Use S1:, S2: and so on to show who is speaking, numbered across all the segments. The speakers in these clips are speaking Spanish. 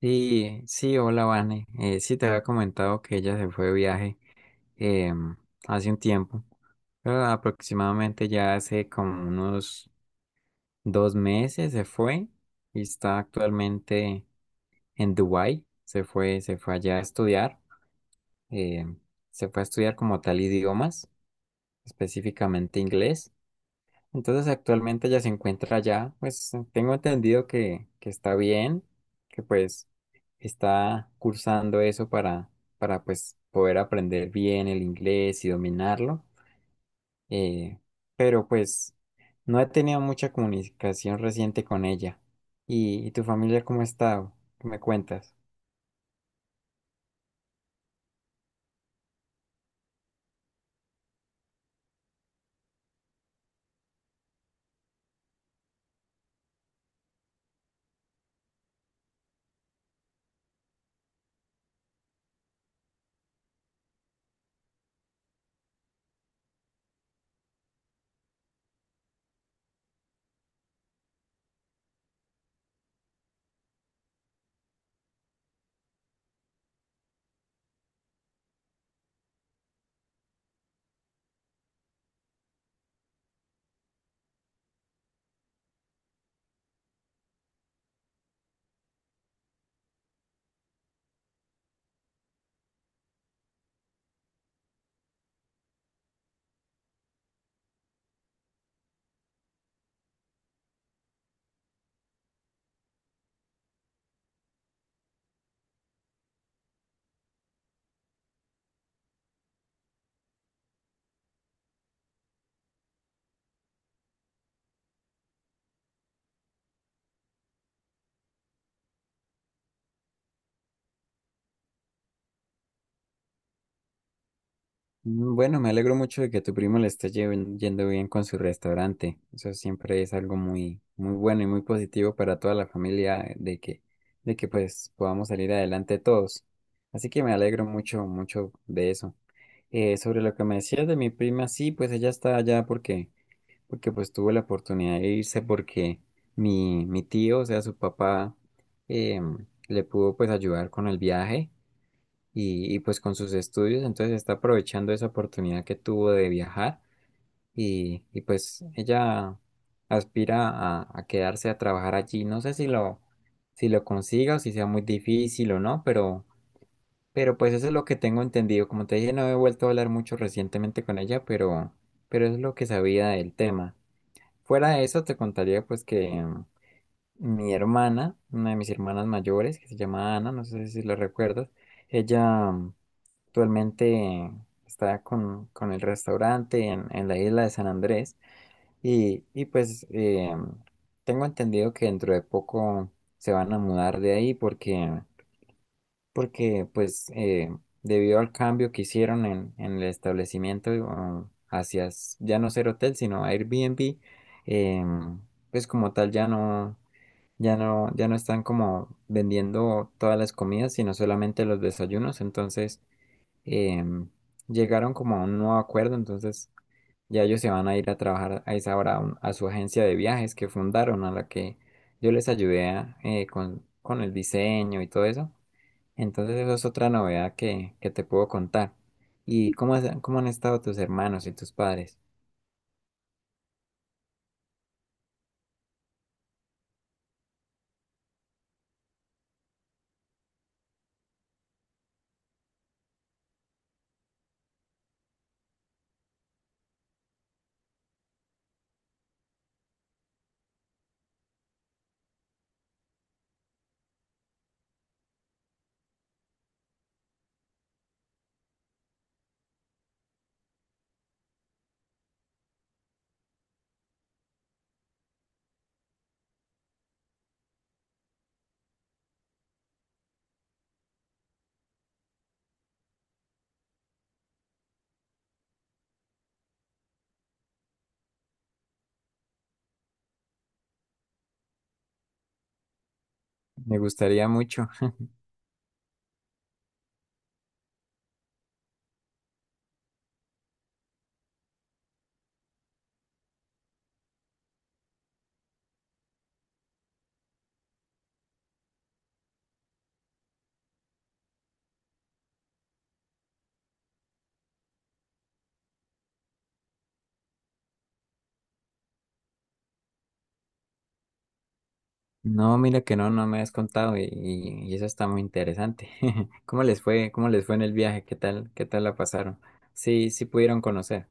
S1: Sí, sí, hola Vane. Sí, te había comentado que ella se fue de viaje em, hace un tiempo, pero aproximadamente ya hace como unos 2 meses se fue y está actualmente en Dubái. Se fue allá a estudiar, em, se fue a estudiar como tal idiomas, específicamente inglés. Entonces actualmente ella se encuentra allá, pues tengo entendido que está bien, que pues está cursando eso para pues poder aprender bien el inglés y dominarlo. eh, pero pues no he tenido mucha comunicación reciente con ella. ¿Y tu familia cómo ha estado? ¿Qué me cuentas? Bueno, me alegro mucho de que a tu primo le esté yendo bien con su restaurante. Eso siempre es algo muy, muy bueno y muy positivo para toda la familia de que pues podamos salir adelante todos. Así que me alegro mucho, mucho de eso. Sobre lo que me decías de mi prima, sí, pues ella está allá porque pues tuvo la oportunidad de irse porque mi tío, o sea, su papá, le pudo pues ayudar con el viaje y, pues con sus estudios, entonces está aprovechando esa oportunidad que tuvo de viajar y pues ella aspira a quedarse a trabajar allí. No sé si lo consiga o si sea muy difícil o no, pero pues eso es lo que tengo entendido. Como te dije, no he vuelto a hablar mucho recientemente con ella, pero es lo que sabía del tema. Fuera de eso, te contaría pues que mi hermana, una de mis hermanas mayores, que se llama Ana, no sé si la recuerdas, ella actualmente está con el restaurante en la isla de San Andrés y pues tengo entendido que dentro de poco se van a mudar de ahí porque porque pues debido al cambio que hicieron en el establecimiento hacia ya no ser hotel, sino Airbnb, em, pues como tal ya no, ya no están como vendiendo todas las comidas, sino solamente los desayunos, entonces em, llegaron como a un nuevo acuerdo, entonces ya ellos se van a ir a trabajar a esa hora a su agencia de viajes que fundaron, a la que yo les ayudé con el diseño y todo eso. Entonces eso es otra novedad que te puedo contar. ¿Y cómo, cómo han estado tus hermanos y tus padres? Me gustaría mucho. No, mira que no, no me has contado y, y eso está muy interesante. ¿Cómo les fue? ¿Cómo les fue en el viaje? ¿Qué tal? ¿Qué tal la pasaron? Sí, sí pudieron conocer.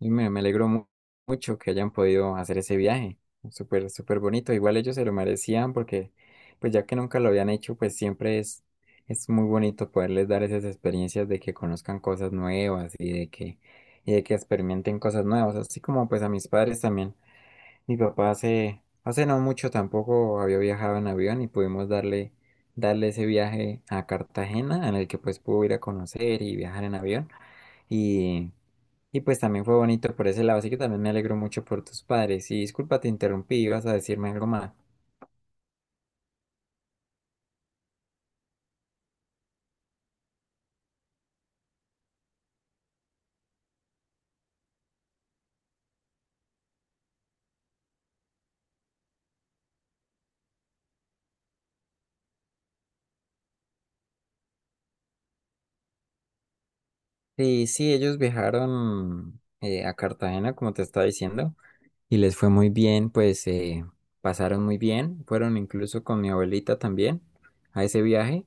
S1: Y me alegro mucho que hayan podido hacer ese viaje. Súper, súper bonito. Igual ellos se lo merecían porque, pues ya que nunca lo habían hecho, pues siempre es muy bonito poderles dar esas experiencias de que conozcan cosas nuevas y y de que experimenten cosas nuevas. Así como pues a mis padres también. Mi papá hace no mucho tampoco había viajado en avión y pudimos darle ese viaje a Cartagena en el que pues pudo ir a conocer y viajar en avión. Y y pues también fue bonito por ese lado, así que también me alegro mucho por tus padres. Y disculpa, te interrumpí, ibas a decirme algo más. Sí, sí, ellos viajaron a Cartagena, como te estaba diciendo, y les fue muy bien, pues pasaron muy bien. Fueron incluso con mi abuelita también a ese viaje.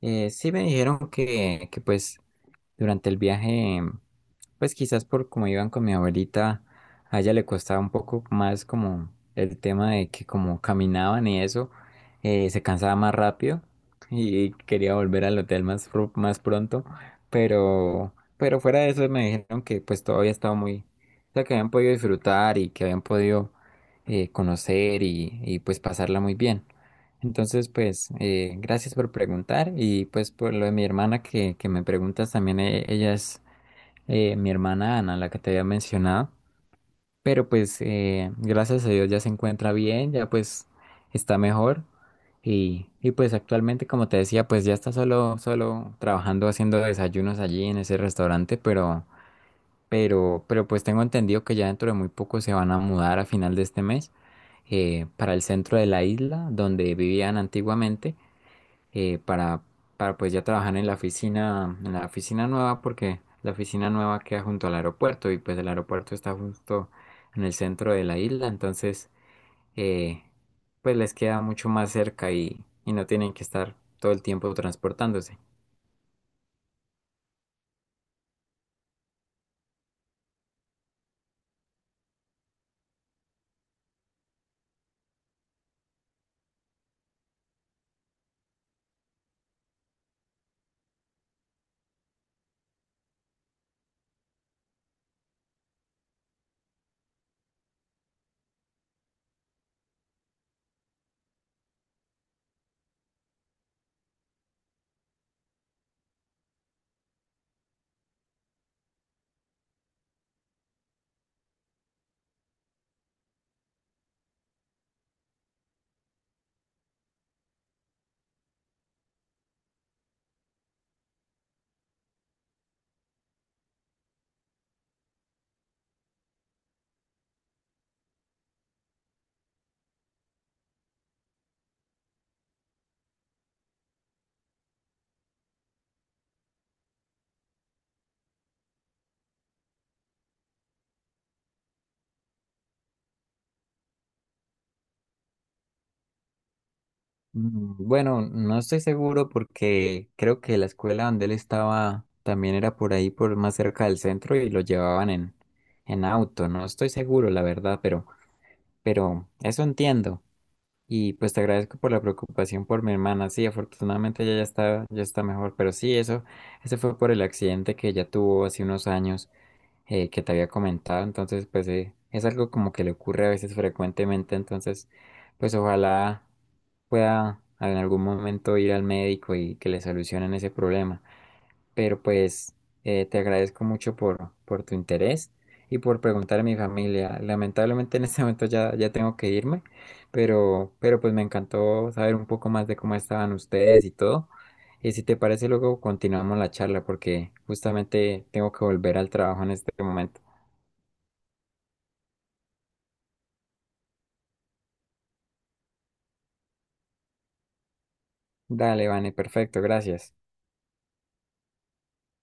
S1: Sí me dijeron que pues durante el viaje pues quizás por como iban con mi abuelita, a ella le costaba un poco más como el tema de que como caminaban y eso, se cansaba más rápido y quería volver al hotel más pronto, pero fuera de eso me dijeron que pues todavía estaba muy, o sea, que habían podido disfrutar y que habían podido conocer y pues pasarla muy bien. Entonces, pues, gracias por preguntar y pues por lo de mi hermana que me preguntas también, ella es mi hermana Ana, la que te había mencionado, pero pues gracias a Dios ya se encuentra bien, ya pues está mejor y pues actualmente como te decía pues ya está solo trabajando haciendo desayunos allí en ese restaurante, pero pues tengo entendido que ya dentro de muy poco se van a mudar a final de este mes para el centro de la isla donde vivían antiguamente eh, para, para pues ya trabajar en la oficina nueva, porque la oficina nueva queda junto al aeropuerto y pues el aeropuerto está justo en el centro de la isla, entonces eh, pues les queda mucho más cerca y no tienen que estar todo el tiempo transportándose. Bueno, no estoy seguro porque creo que la escuela donde él estaba también era por ahí, por más cerca del centro y lo llevaban en auto. No estoy seguro, la verdad, pero eso entiendo. Y pues te agradezco por la preocupación por mi hermana. Sí, afortunadamente ella ya está mejor, pero sí, eso, ese fue por el accidente que ella tuvo hace unos años que te había comentado. Entonces, pues es algo como que le ocurre a veces frecuentemente. Entonces, pues ojalá pueda en algún momento ir al médico y que le solucionen ese problema. Pero pues te agradezco mucho por tu interés y por preguntar a mi familia. Lamentablemente en este momento ya tengo que irme, pero pues me encantó saber un poco más de cómo estaban ustedes y todo. Y si te parece, luego continuamos la charla porque justamente tengo que volver al trabajo en este momento. Dale, Vane, perfecto, gracias.